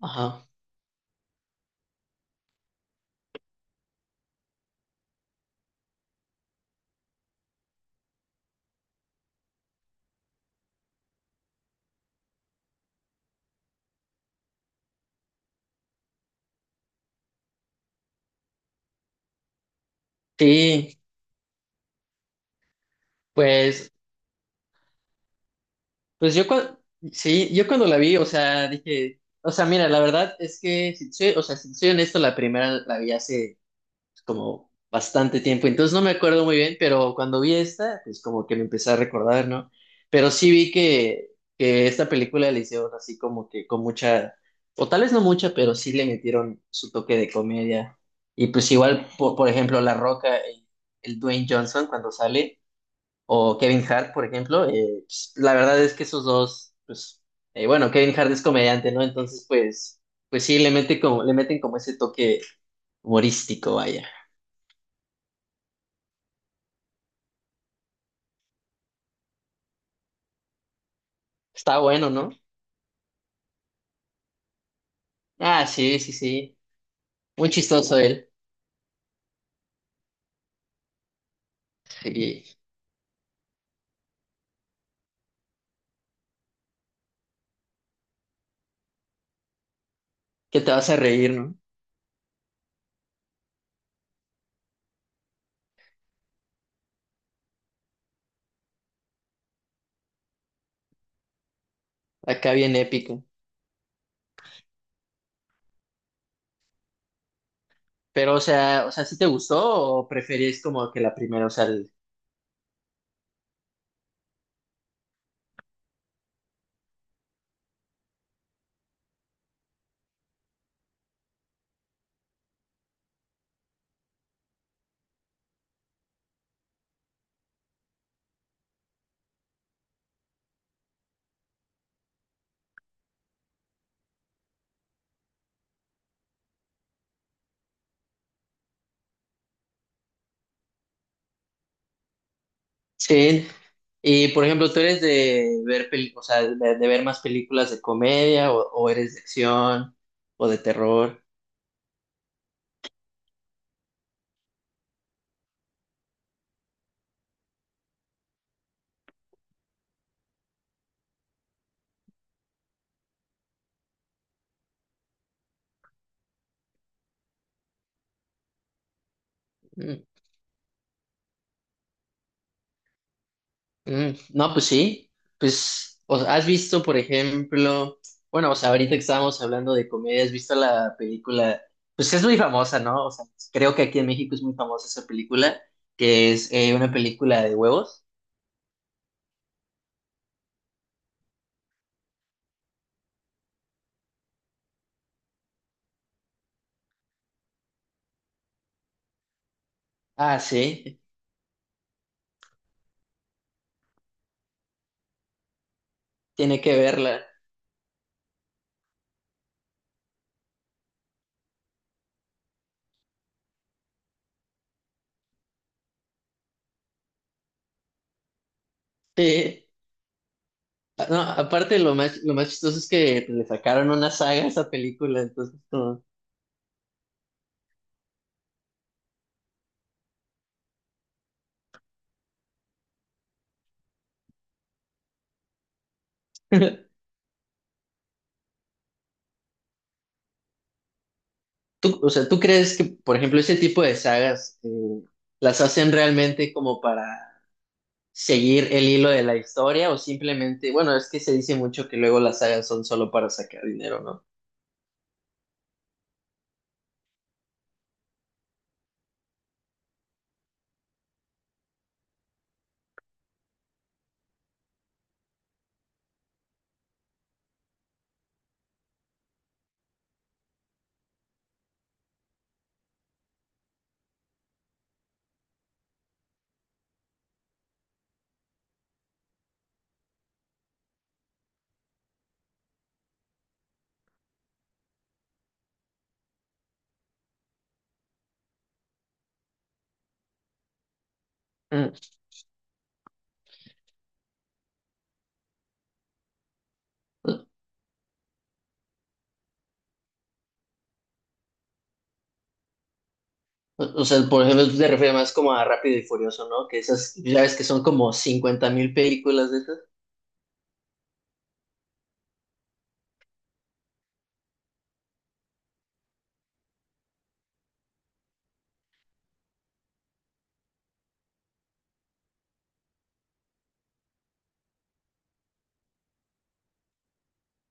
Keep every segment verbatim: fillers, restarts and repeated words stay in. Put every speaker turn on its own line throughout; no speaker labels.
Ajá. Sí, pues, pues yo cuando, sí, yo cuando la vi, o sea, dije, o sea, mira, la verdad es que, si soy, o sea, si soy honesto, la primera la vi hace pues, como bastante tiempo, entonces no me acuerdo muy bien, pero cuando vi esta, pues como que me empecé a recordar, ¿no? Pero sí vi que, que esta película la hicieron así como que con mucha, o tal vez no mucha, pero sí le metieron su toque de comedia. Y pues igual, por, por ejemplo, La Roca, el el Dwayne Johnson cuando sale, o Kevin Hart. Por ejemplo, eh, pues, la verdad es que esos dos, pues, eh, bueno, Kevin Hart es comediante, ¿no? Entonces, pues, pues sí, le mete como, le meten como ese toque humorístico, vaya. Está bueno, ¿no? Ah, sí, sí, sí. Muy chistoso él. Sí. Que te vas a reír, ¿no? Acá bien épico. Pero, o sea, o sea, ¿sí te gustó o preferís como que la primera, o sea, el... Sí. Y, por ejemplo, ¿tú eres de ver peli... o sea, de, de ver más películas de comedia o o eres de acción o de terror? Mm, mm, No, pues sí, pues o sea, has visto, por ejemplo, bueno, o sea, ahorita que estábamos hablando de comedia, has visto la película, pues es muy famosa, ¿no? O sea, creo que aquí en México es muy famosa esa película, que es eh, una película de huevos. Ah, sí, tiene que verla. Sí. Ah, no, aparte lo más, lo más chistoso es que le sacaron una saga a esa película, entonces como... Tú, o sea, ¿tú crees que, por ejemplo, ese tipo de sagas eh, las hacen realmente como para seguir el hilo de la historia o simplemente, bueno, es que se dice mucho que luego las sagas son solo para sacar dinero, ¿no? Mm. O o sea, por ejemplo, tú te refieres más como a Rápido y Furioso, ¿no? Que esas, ya ves que son como cincuenta mil películas de esas.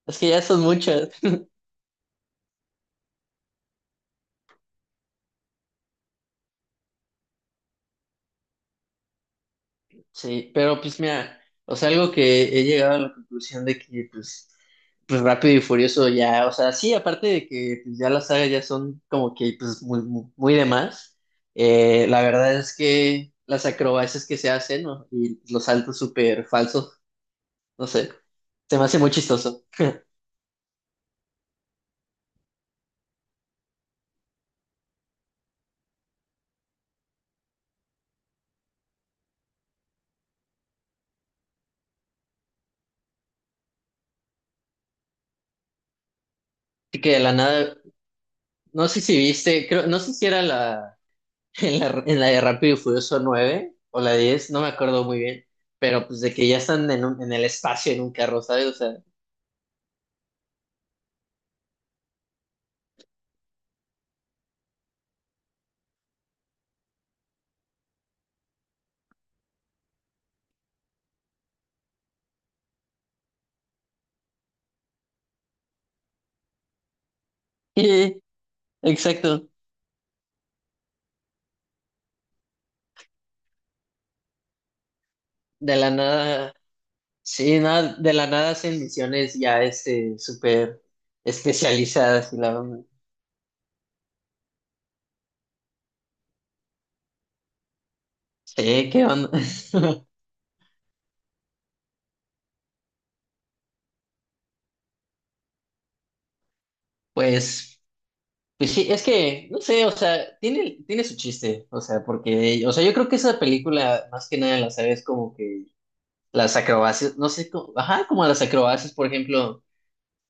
Es que ya son muchas. Sí, pero pues mira, o sea, algo que he llegado a la conclusión de que pues, pues Rápido y Furioso ya, o sea, sí, aparte de que pues, ya las sagas ya son como que pues muy, muy, muy de más, eh, la verdad es que las acrobacias que se hacen, ¿no? Y los saltos súper falsos, no sé, se me hace muy chistoso. Así que de la nada, no sé si viste, creo, no sé si era la en la, en la de Rápido y Furioso nueve o la diez, no me acuerdo muy bien, pero pues de que ya están en, un... en el espacio en un carro, ¿sabes? O sea, exacto, de la nada, sí, nada, de la nada hacen misiones ya este, súper especializadas y la onda. Sí, ¿qué onda? Pues, pues sí, es que, no sé, o sea, tiene, tiene su chiste, o sea, porque, o sea, yo creo que esa película, más que nada, la sabes como que las acrobacias, no sé, como, ajá, como las acrobacias, por ejemplo,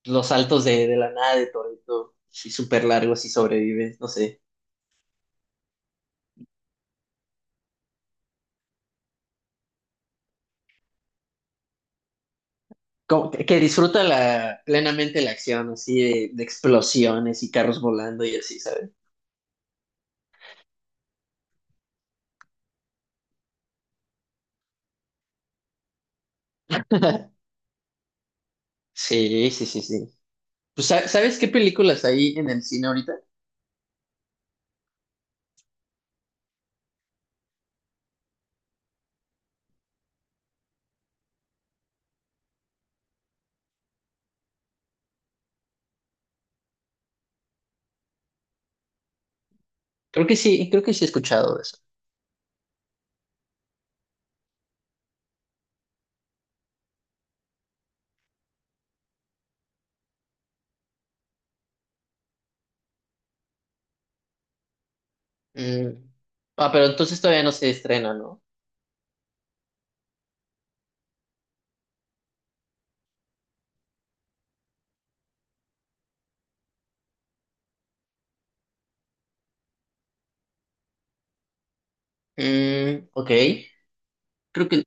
los saltos de, de la nada de Toreto, sí, súper largos y sobrevives, no sé. Como que, que disfruta la, plenamente la acción, así de, de explosiones y carros volando y así, ¿sabes? Sí, sí, sí, sí. Pues, ¿sa... ¿sabes qué películas hay en el cine ahorita? Creo que sí, creo que sí he escuchado de eso. Mm. Ah, pero entonces todavía no se estrena, ¿no? Mm, ok. Creo que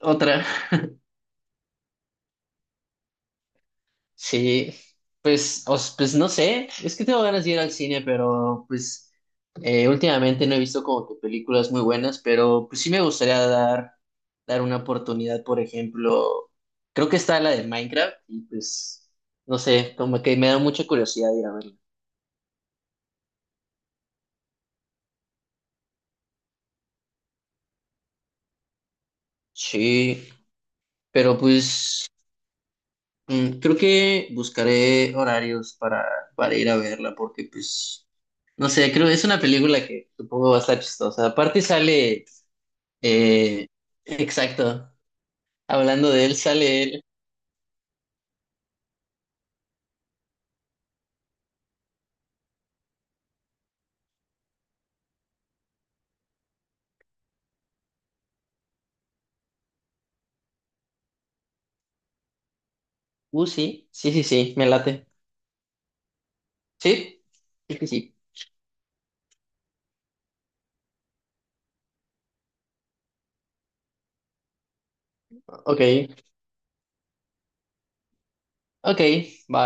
otra. Sí, pues, os, pues no sé, es que tengo ganas de ir al cine, pero pues eh, últimamente no he visto como que películas muy buenas, pero pues sí me gustaría dar, dar una oportunidad, por ejemplo, creo que está la de Minecraft y pues no sé, como que me da mucha curiosidad ir a verla. Sí, pero pues mm, creo que buscaré horarios para, para ir a verla, porque pues no sé, creo que es una película que supongo va a estar chistosa. Aparte sale... Eh, exacto. Hablando de él, sale él. Uh, sí, sí, sí, sí, me late. Sí, sí, sí, sí. Ok, ok, va.